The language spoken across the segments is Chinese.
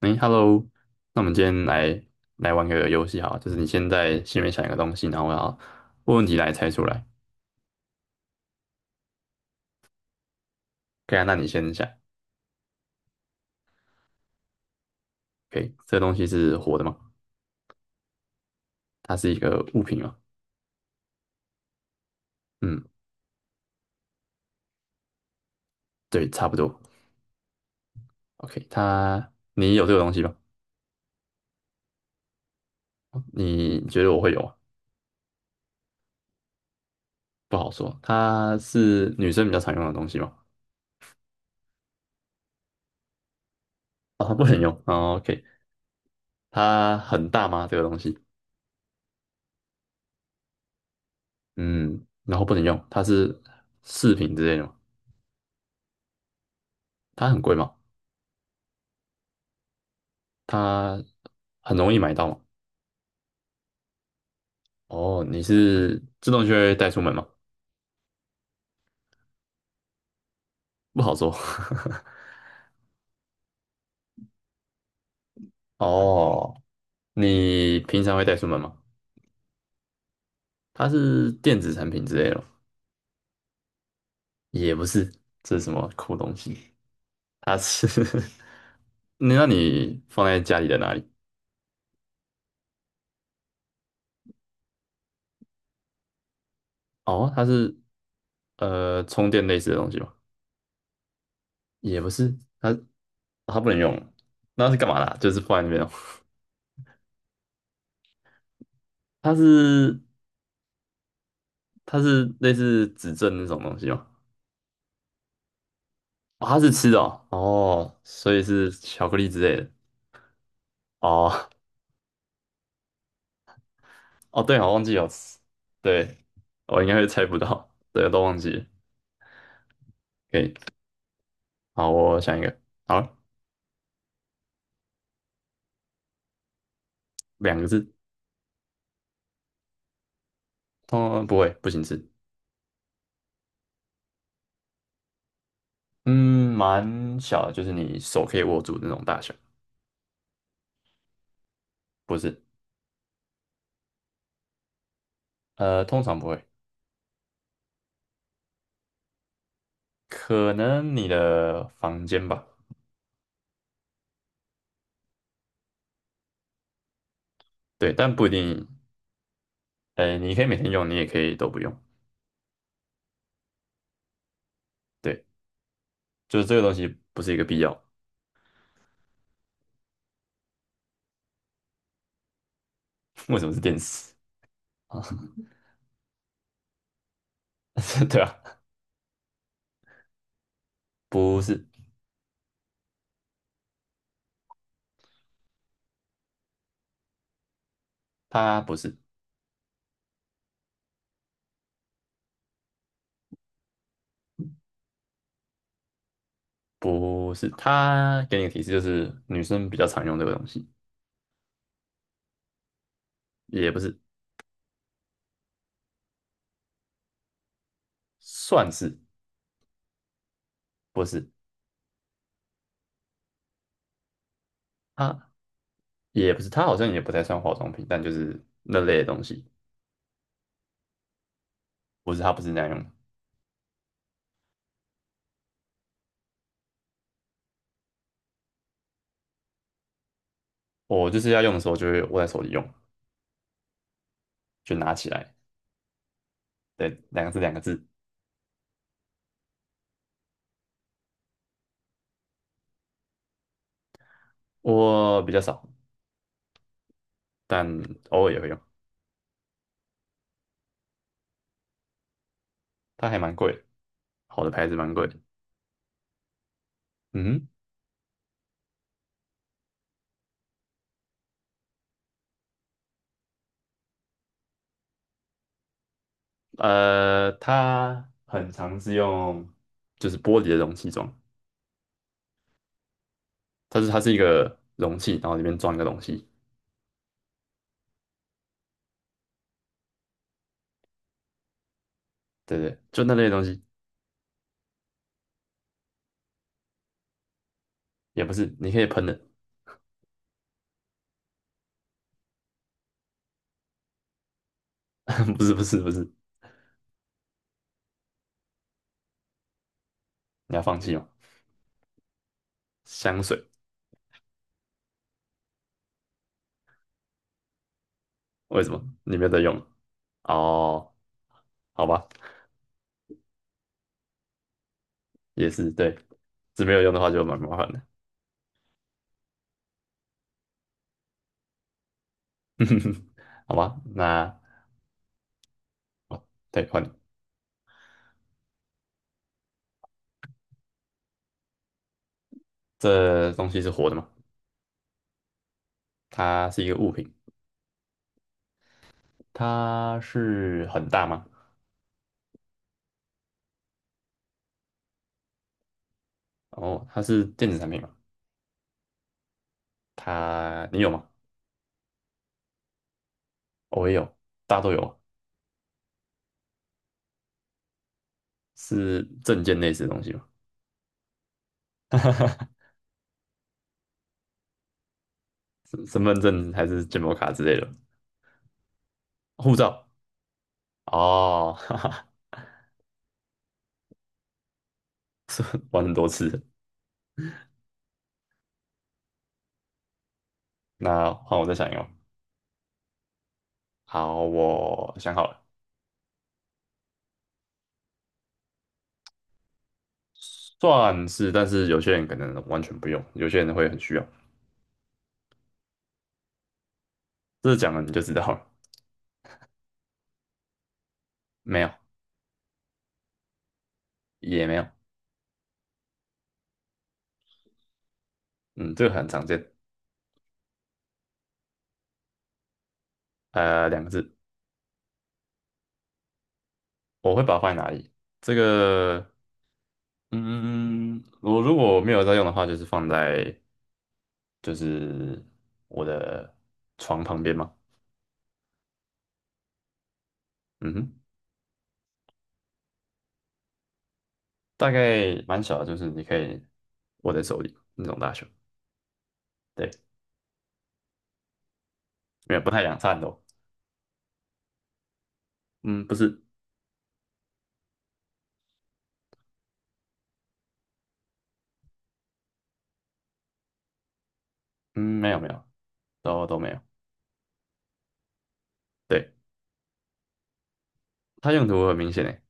哎，Hello，那我们今天来玩个游戏哈，就是你先在心里面想一个东西，然后我要问问题来猜出来。可以啊，那你先想。OK，这个东西是活的吗？它是一个物品吗？嗯，对，差不多。OK，它你有这个东西吗？你觉得我会有吗？不好说。它是女生比较常用的东西吗？哦，它不能用。哦，OK，它很大吗？这个东西？嗯，然后不能用。它是饰品之类的吗？它很贵吗？它很容易买到嘛。哦，你是自动就会带出门吗？不好说。哦，你平常会带出门吗？它是电子产品之类的吗？也不是。这是什么酷东西？它是 你那你放在家里的哪里？哦，它是充电类似的东西吗？也不是，它它不能用，那是干嘛的啊，就是放在那边哦。它是类似指针那种东西吗？哦，它是吃的哦，哦，所以是巧克力之类的。哦，哦，对，我忘记有吃，对，我应该会猜不到，对，我都忘记了。可以，好，我想一个，好，两个字，哦，不会，不行吃，嗯，蛮小的，就是你手可以握住的那种大小，不是，呃，通常不会，可能你的房间吧，对，但不一定，呃，你可以每天用，你也可以都不用，对，就是这个东西不是一个必要，为什么是电视？啊？对啊，不是。它不是，不是，它给你的提示就是女生比较常用这个东西，也不是，算是不是，它也不是，它好像也不太算化妆品，但就是那类的东西，不是，它不是那样用的。我就是要用的时候就会握在手里用，就拿起来，对，两个字两个字，我比较少，但偶尔也会用，它还蛮贵的，好的牌子蛮贵的，嗯哼，它很常是用就是玻璃的容器装。它是一个容器，然后里面装一个东西，对不对，就那类的东西，也不是，你可以喷的，不是不是不是，你要放弃吗？香水。为什么你没有在用？哦，好吧，也是对，是没有用的话就蛮麻烦的，好吧，那对换你，这东西是活的吗？它是一个物品，它是很大吗？哦，它是电子产品吗？它你有吗？哦我也有，大家都有啊，是证件类似的东西吗？身份证还是建模卡之类的，护照。哦，哈哈，玩很多次。那换我再想一个。好，我想好了，算是，但是有些人可能完全不用，有些人会很需要。这讲了你就知道了，没有，也没有，嗯，这个很常见，呃，两个字，我会把它放在哪里？这个，嗯，嗯我如果没有在用的话，就是放在就是我的床旁边嘛，嗯哼。大概蛮小的，就是你可以握在手里那种大小。对，没有不太阳伞哦。嗯，不是，嗯，没有没有，都没有。对，它用途很明显诶，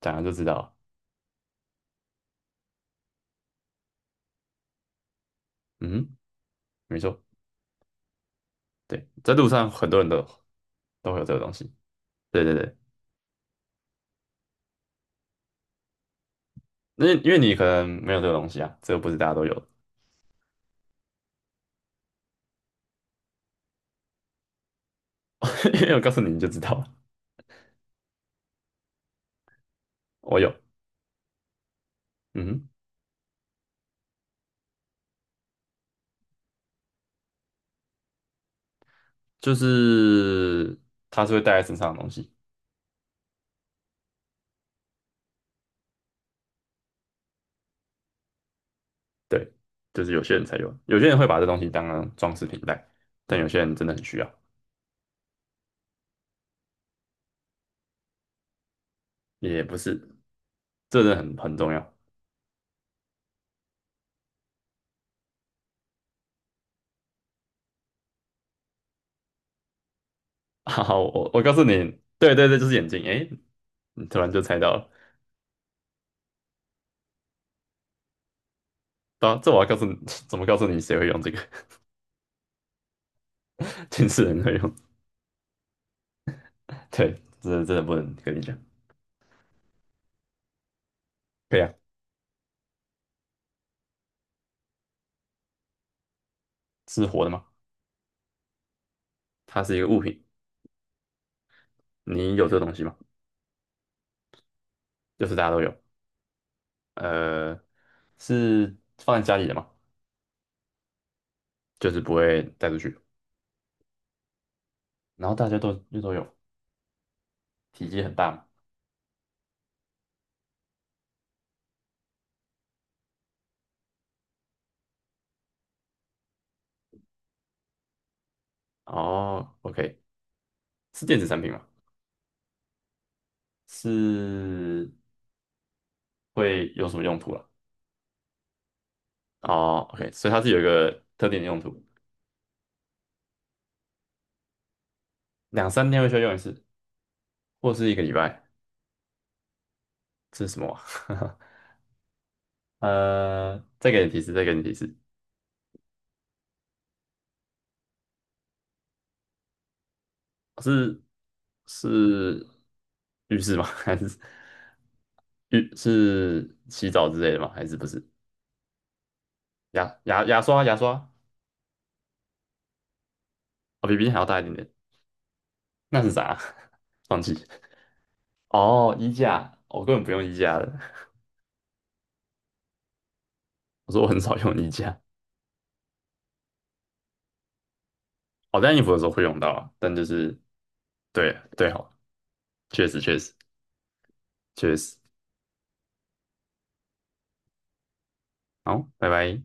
讲了就知道了。嗯，没错。对，在路上很多人都有都会有这个东西。对对对，那因为你可能没有这个东西啊，这个不是大家都有的。 因为我告诉你，你就知道了。我有，嗯哼，就是它是会带在身上的东西。对，就是有些人才有，有些人会把这东西当成装饰品戴，但有些人真的很需要。也不是，这真的很重要。好，我告诉你，对对对，就是眼镜。诶，你突然就猜到了，对啊，这我要告诉你，怎么告诉你谁会用这个？近视人会用。对，这真的不能跟你讲。可以啊，是活的吗？它是一个物品，你有这个东西吗？就是大家都有。呃，是放在家里的吗？就是不会带出去，然后大家都又都有，体积很大嘛。哦，OK，是电子产品吗？是会有什么用途啦？哦，OK，所以它是有一个特定的用途，两三天会需要用一次，或是一个礼拜，这是什么啊？呃，再给你提示，再给你提示，是是浴室吗？还是浴是洗澡之类的吗？还是不是？牙刷牙刷，哦，比冰箱还要大一点点，那是啥？忘记哦，衣架，哦我根本不用衣架的，我说我很少用衣架，我、哦晾衣服的时候会用到啊，但就是对对，好，确实确实。好，拜拜。